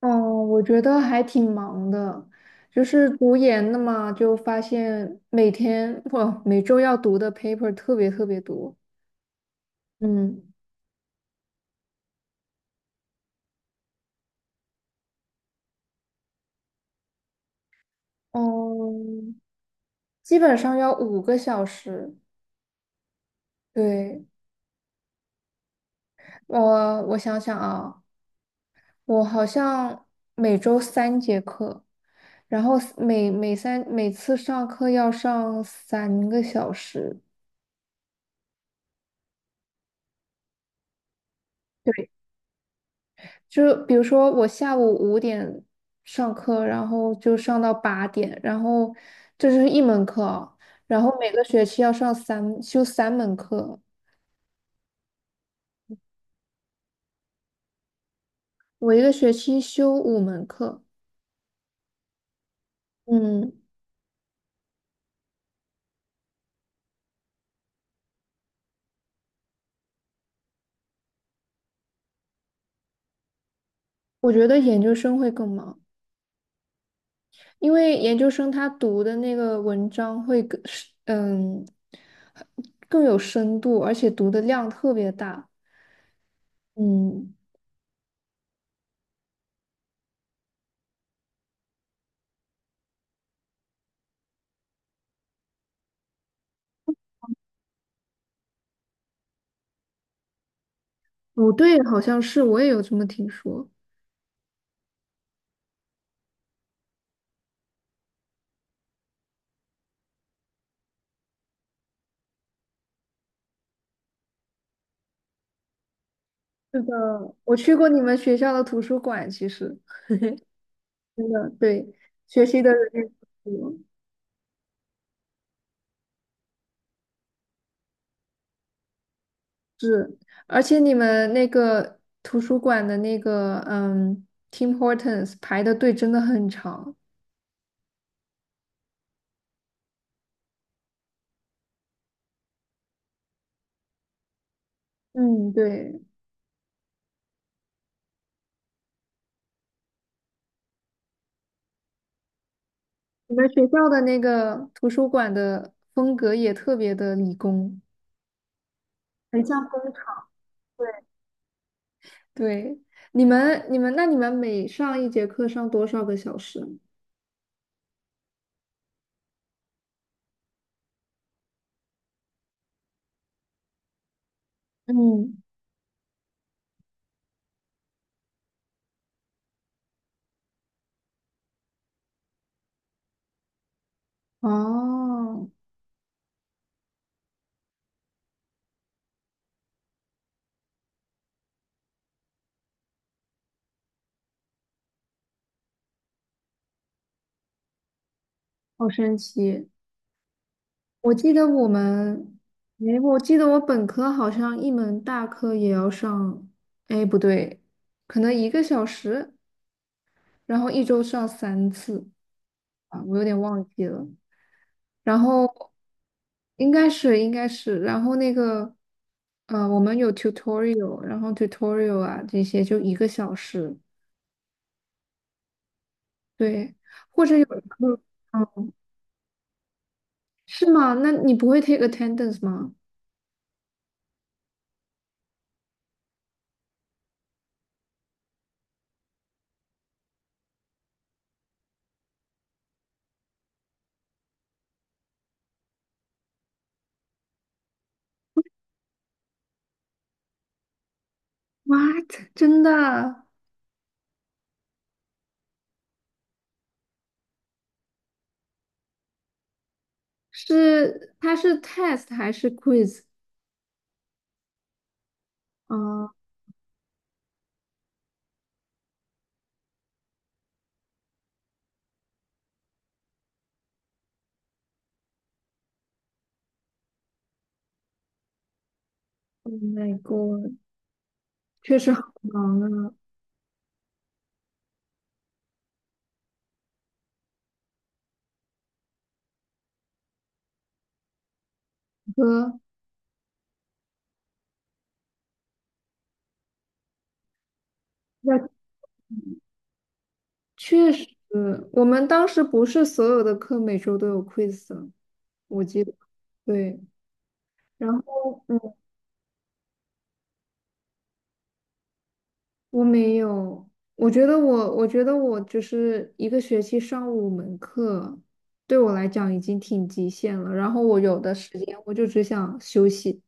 嗯，我觉得还挺忙的，就是读研的嘛，就发现每天不每周要读的 paper 特别特别多。嗯嗯，基本上要5个小时。对，我想想啊，我好像每周3节课，然后每次上课要上3个小时。对。就是比如说我下午5点上课，然后就上到8点，然后这是一门课啊。然后每个学期要修3门课。我一个学期修五门课。嗯，我觉得研究生会更忙，因为研究生他读的那个文章会更，嗯，更有深度，而且读的量特别大。嗯，不对，好像是我也有这么听说。是的，我去过你们学校的图书馆，其实真的，对。学习的人也不多。是，而且你们那个图书馆的那个Tim Hortons 排的队真的很长。嗯，对，你们学校的那个图书馆的风格也特别的理工。很像。对，你们每上一节课上多少个小时？嗯，哦，好神奇。我记得我们，哎，我记得我本科好像一门大课也要上，哎，不对，可能一个小时，然后一周上3次啊。我有点忘记了。然后应该是，然后那个，我们有 tutorial，然后 tutorial 啊这些就1个小时，对，或者有的课。嗯，是吗？那你不会 take attendance 吗？What？真的？是 test 还是 quiz 啊？Oh my god，确实好忙啊。哥，那确实，我们当时不是所有的课每周都有 quiz 的，我记得。对，然后我没有。我觉得我就是一个学期上五门课，对我来讲已经挺极限了，然后我有的时间我就只想休息。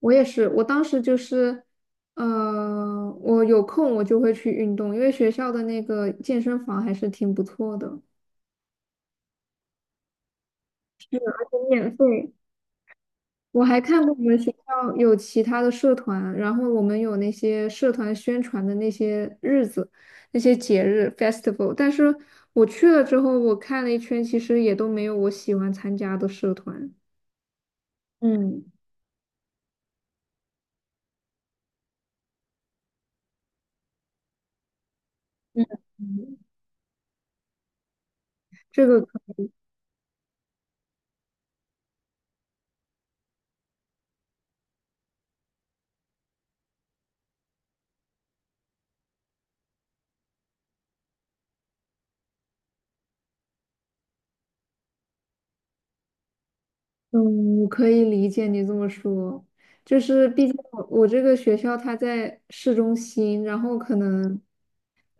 我也是，我当时就是，我有空我就会去运动，因为学校的那个健身房还是挺不错的。免费。我还看过我们学校有其他的社团，然后我们有那些社团宣传的那些日子、那些节日 festival。但是我去了之后，我看了一圈，其实也都没有我喜欢参加的社团。嗯嗯，嗯这个嗯，我可以理解你这么说，就是毕竟我这个学校它在市中心，然后可能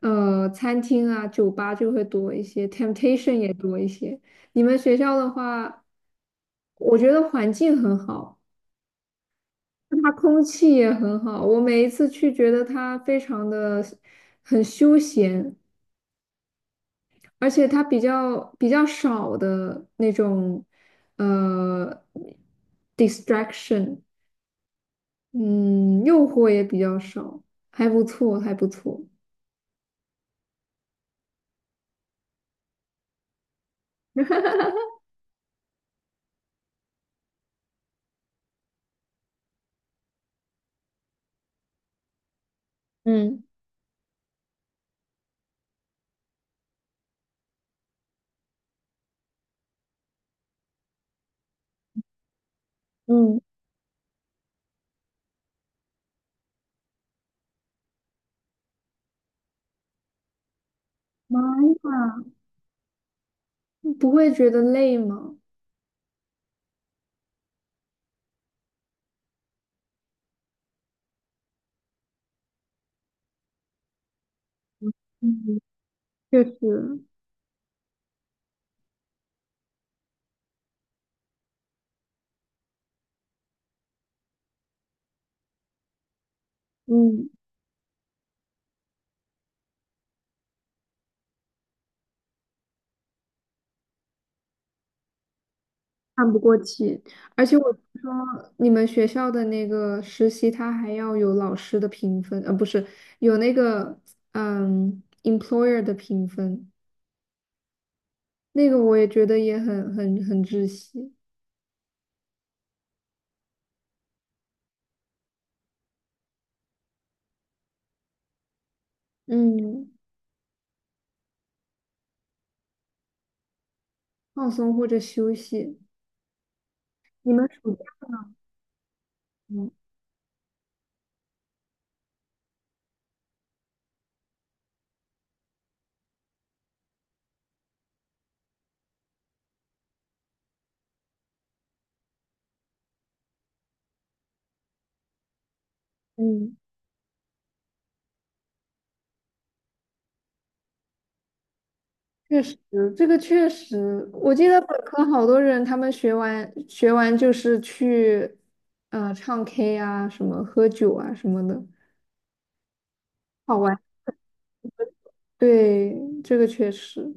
餐厅啊、酒吧就会多一些，temptation 也多一些。你们学校的话，我觉得环境很好，它空气也很好，我每一次去觉得它非常的很休闲，而且它比较少的那种呃 distraction。嗯，诱惑也比较少，还不错，还不错。嗯嗯，妈呀，不会觉得累吗？嗯，确实。嗯，看不过去。而且我听说你们学校的那个实习，它还要有老师的评分。不是，有那个employer 的评分，那个我也觉得也很窒息。嗯放松或者休息。你们暑假吗？嗯，确实，这个确实。我记得本科好多人他们学完就是去，唱 K 啊，什么喝酒啊什么的，好玩。对，这个确实。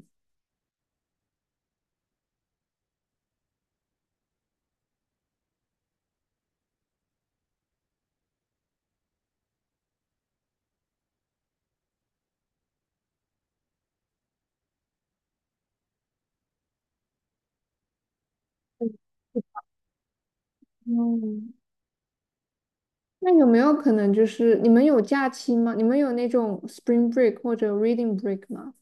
嗯，那有没有可能就是你们有假期吗？你们有那种 spring break 或者 reading break 吗？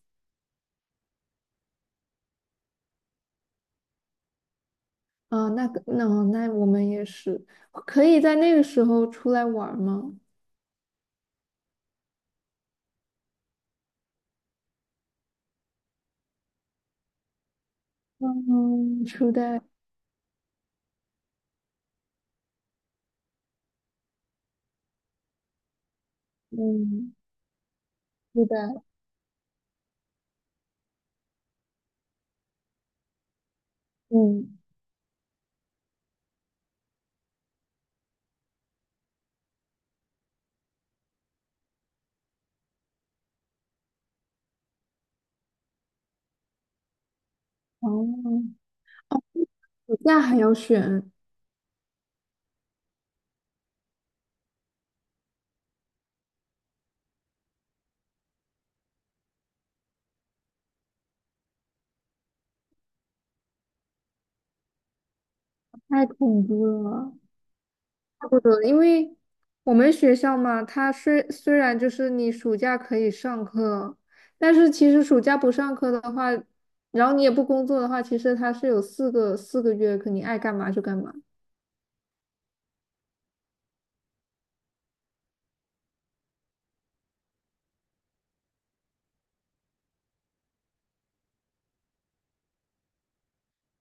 啊、那个，那我们也是，可以在那个时候出来玩儿吗？嗯，初代，嗯，初代，嗯，哦。那还要选，太恐怖了。差不多，因为我们学校嘛，它虽然就是你暑假可以上课，但是其实暑假不上课的话，然后你也不工作的话，其实它是有四个月，可你爱干嘛就干嘛。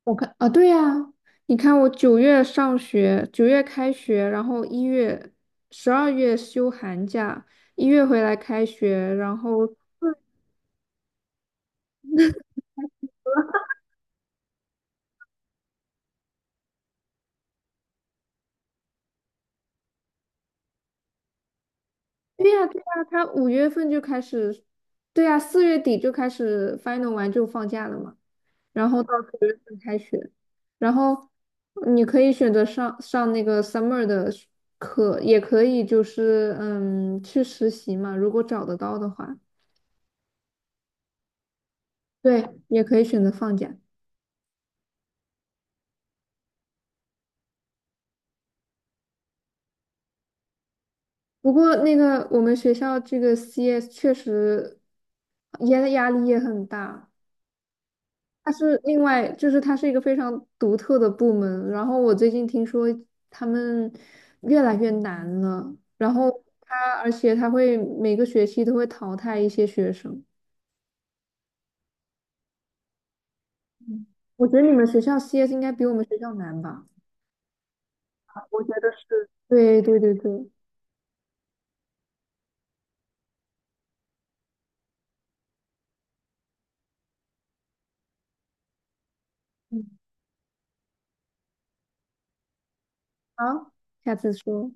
我看啊，对呀，你看我九月上学，九月开学，然后一月、12月休寒假，一月回来开学，然后对呀，对呀，他5月份就开始。对呀，4月底就开始 final 完就放假了嘛。然后到9月份开学，然后你可以选择上那个 summer 的学课，也可以就是去实习嘛，如果找得到的话，对，也可以选择放假。不过那个我们学校这个 CS 确实压力也很大。它是另外，就是它是一个非常独特的部门。然后我最近听说他们越来越难了，然后它而且它会每个学期都会淘汰一些学生。我觉得你们学校 CS 应该比我们学校难吧？我觉得是。对对对对，嗯，好，下次说。